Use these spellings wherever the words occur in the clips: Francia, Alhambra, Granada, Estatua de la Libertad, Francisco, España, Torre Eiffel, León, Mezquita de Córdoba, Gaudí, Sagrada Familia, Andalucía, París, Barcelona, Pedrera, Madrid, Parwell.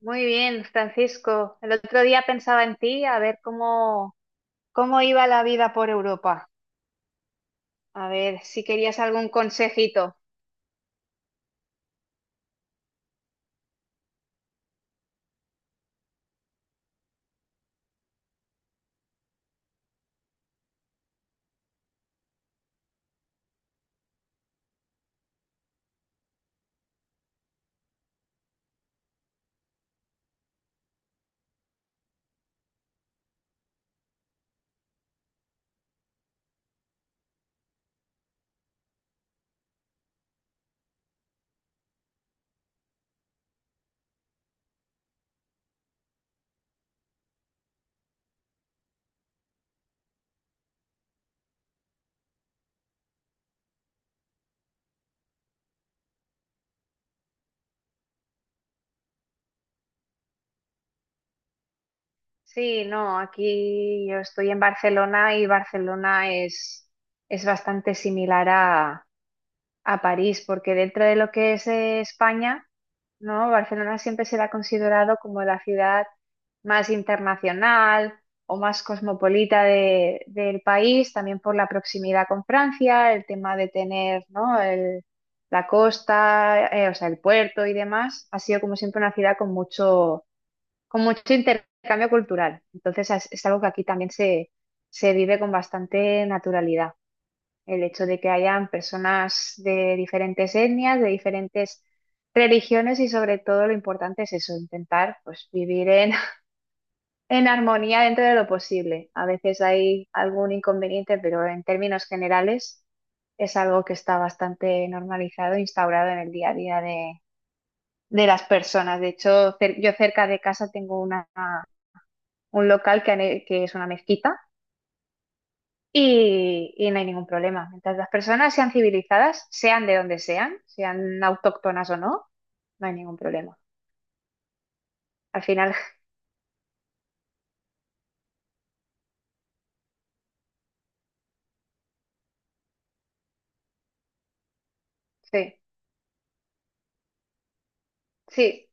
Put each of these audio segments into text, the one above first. Muy bien, Francisco. El otro día pensaba en ti, a ver cómo iba la vida por Europa. A ver si querías algún consejito. Sí, no, aquí yo estoy en Barcelona y Barcelona es bastante similar a París, porque dentro de lo que es España. No, Barcelona siempre se la ha considerado como la ciudad más internacional o más cosmopolita del país, también por la proximidad con Francia, el tema de tener, ¿no? La costa, o sea, el puerto y demás, ha sido como siempre una ciudad con mucho intercambio cultural. Entonces es algo que aquí también se vive con bastante naturalidad. El hecho de que hayan personas de diferentes etnias, de diferentes religiones y sobre todo lo importante es eso, intentar pues vivir en, en armonía dentro de lo posible. A veces hay algún inconveniente, pero en términos generales es algo que está bastante normalizado, instaurado en el día a día de las personas. De hecho, yo cerca de casa tengo una, un local que es una mezquita. Y no hay ningún problema. Mientras las personas sean civilizadas, sean de donde sean, sean autóctonas o no, no hay ningún problema. Al final, sí, sí,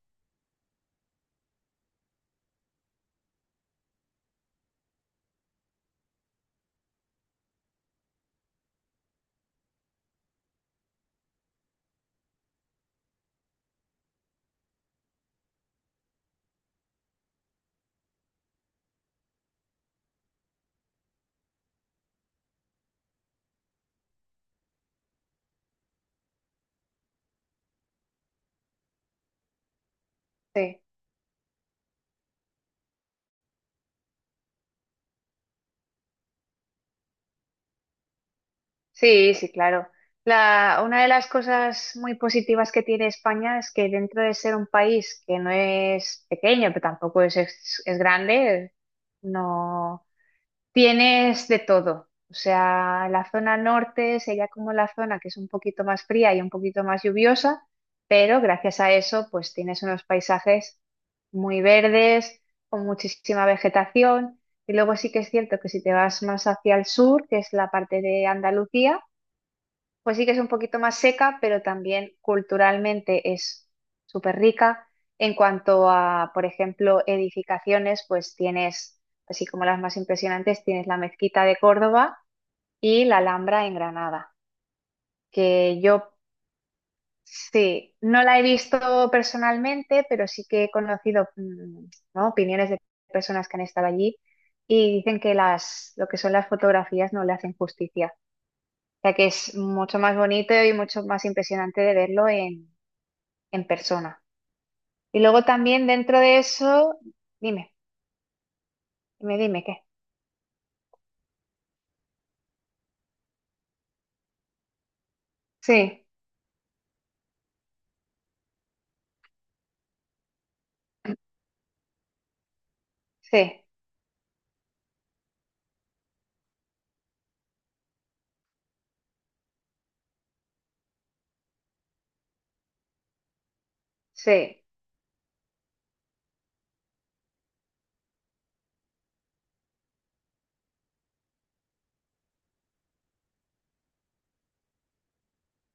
sí, sí, sí, claro. Una de las cosas muy positivas que tiene España es que dentro de ser un país que no es pequeño, pero tampoco es grande, no, tienes de todo. O sea, la zona norte sería como la zona que es un poquito más fría y un poquito más lluviosa, pero gracias a eso, pues tienes unos paisajes muy verdes, con muchísima vegetación. Y luego sí que es cierto que si te vas más hacia el sur, que es la parte de Andalucía, pues sí que es un poquito más seca, pero también culturalmente es súper rica. En cuanto a, por ejemplo, edificaciones, pues tienes, así como las más impresionantes, tienes la Mezquita de Córdoba y la Alhambra en Granada, que yo sí, no la he visto personalmente, pero sí que he conocido, ¿no? opiniones de personas que han estado allí y dicen que lo que son las fotografías no le hacen justicia sea que es mucho más bonito y mucho más impresionante de verlo en persona. Y luego también dentro de eso, dime, dime qué. Sí, sí, sí,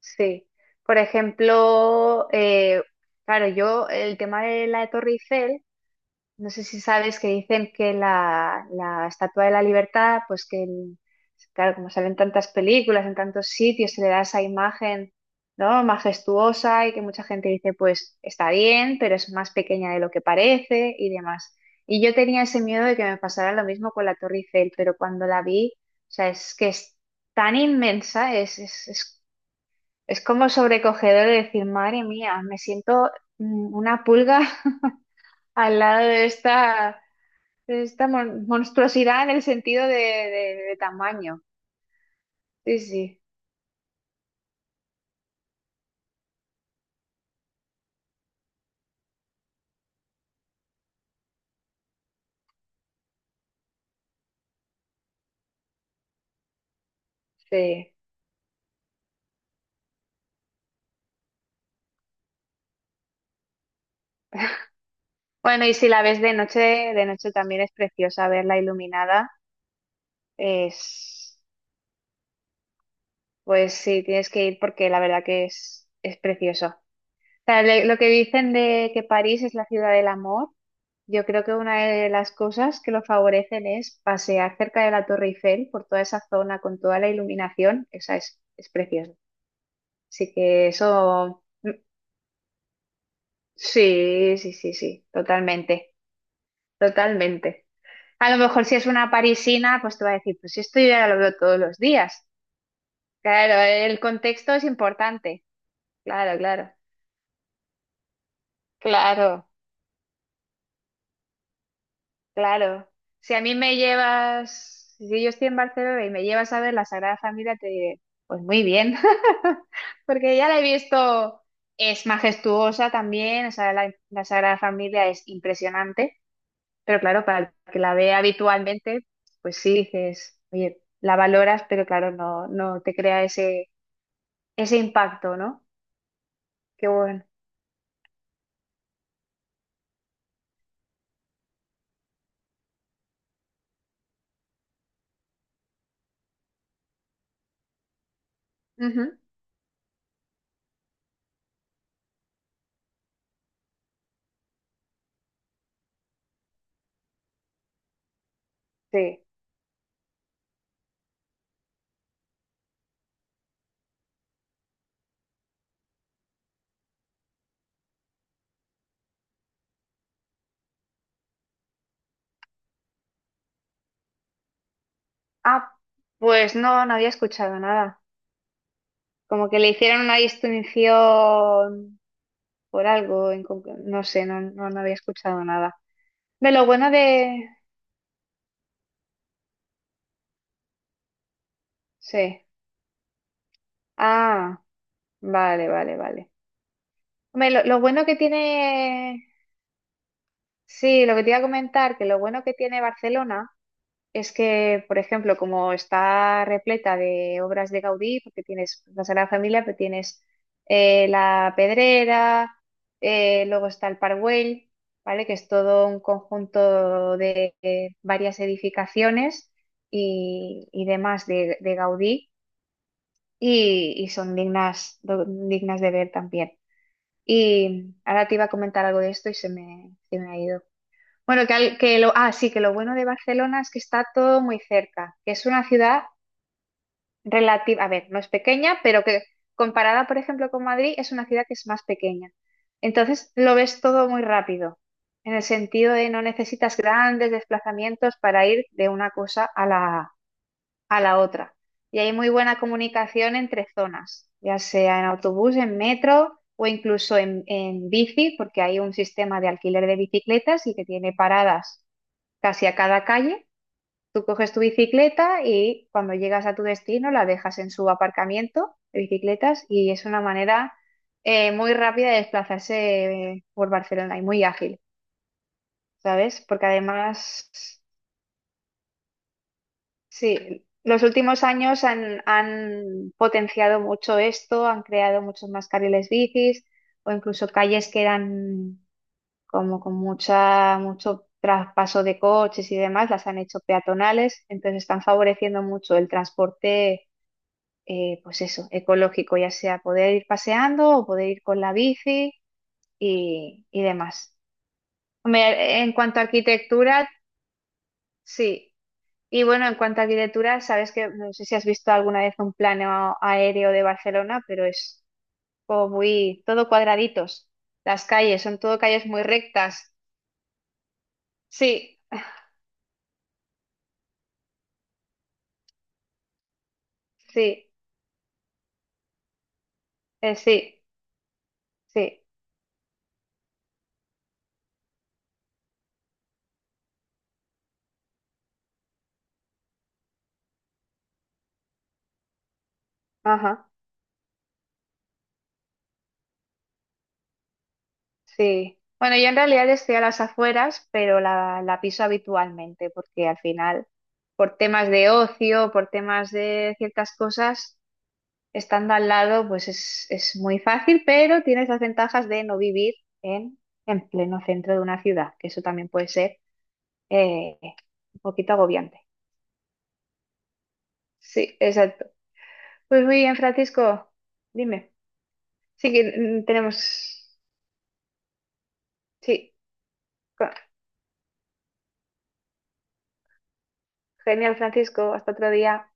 sí. Por ejemplo, claro, yo el tema de la Torre Eiffel. No sé si sabes que dicen que la Estatua de la Libertad, pues claro, como salen tantas películas, en tantos sitios, se le da esa imagen, ¿no? Majestuosa y que mucha gente dice, pues está bien, pero es más pequeña de lo que parece y demás. Y yo tenía ese miedo de que me pasara lo mismo con la Torre Eiffel, pero cuando la vi, o sea, es que es tan inmensa, es como sobrecogedor de decir, madre mía, me siento una pulga al lado de esta monstruosidad en el sentido de tamaño. Sí, sí, sí. Bueno, y si la ves de noche también es preciosa verla iluminada. Es, pues sí, tienes que ir porque la verdad que es precioso. O sea, lo que dicen de que París es la ciudad del amor, yo creo que una de las cosas que lo favorecen es pasear cerca de la Torre Eiffel por toda esa zona con toda la iluminación. Esa es preciosa. Así que eso. Sí, sí, sí, sí, totalmente, totalmente. A lo mejor si es una parisina, pues te va a decir, pues esto yo ya lo veo todos los días. Claro, el contexto es importante. Claro, claro, claro, claro. Si a mí me llevas, si yo estoy en Barcelona y me llevas a ver la Sagrada Familia, te diré, pues muy bien, porque ya la he visto, es majestuosa también, o sea, la la Sagrada Familia es impresionante. Pero claro, para el que la ve habitualmente, pues sí dices, oye, la valoras, pero claro, no, no te crea ese impacto, ¿no? Qué bueno. Ujú, sí. Ah, pues no, no había escuchado nada. Como que le hicieron una distinción por algo, en no sé, no, no, no había escuchado nada. De lo bueno de... Sí. Ah, vale, vale, vale. Hombre, lo bueno que tiene... Sí, lo que te iba a comentar, que lo bueno que tiene Barcelona es que, por ejemplo, como está repleta de obras de Gaudí, porque tienes la Sagrada Familia, pero tienes la Pedrera, luego está el Parwell, ¿vale? Que es todo un conjunto de, varias edificaciones y demás de Gaudí y son dignas, dignas de ver también. Y ahora te iba a comentar algo de esto y se me ha ido. Bueno, que, al- que lo, ah, sí, que lo bueno de Barcelona es que está todo muy cerca, que es una ciudad relativa, a ver, no es pequeña, pero que comparada, por ejemplo, con Madrid, es una ciudad que es más pequeña. Entonces, lo ves todo muy rápido, en el sentido de no necesitas grandes desplazamientos para ir de una cosa a a la otra. Y hay muy buena comunicación entre zonas, ya sea en autobús, en metro o incluso en bici, porque hay un sistema de alquiler de bicicletas y que tiene paradas casi a cada calle. Tú coges tu bicicleta y cuando llegas a tu destino la dejas en su aparcamiento de bicicletas y es una manera muy rápida de desplazarse por Barcelona y muy ágil, ¿sabes? Porque además, sí, los últimos años han potenciado mucho esto, han creado muchos más carriles bicis o incluso calles que eran como con mucho traspaso de coches y demás, las han hecho peatonales, entonces están favoreciendo mucho el transporte, pues eso, ecológico, ya sea poder ir paseando o poder ir con la bici y demás. Hombre, en cuanto a arquitectura, sí. Y bueno, en cuanto a arquitectura, sabes que no sé si has visto alguna vez un plano aéreo de Barcelona, pero es como muy todo cuadraditos. Las calles son todo calles muy rectas. Sí, sí, sí. Sí, ajá, sí. Bueno, yo en realidad estoy a las afueras, pero la piso habitualmente, porque al final, por temas de ocio, por temas de ciertas cosas, estando al lado, pues es muy fácil, pero tienes las ventajas de no vivir en, en pleno centro de una ciudad, que eso también puede ser eh, un poquito agobiante. Sí, exacto. Pues muy bien, Francisco, dime. Sí que tenemos... Sí, co- genial, Francisco, hasta otro día.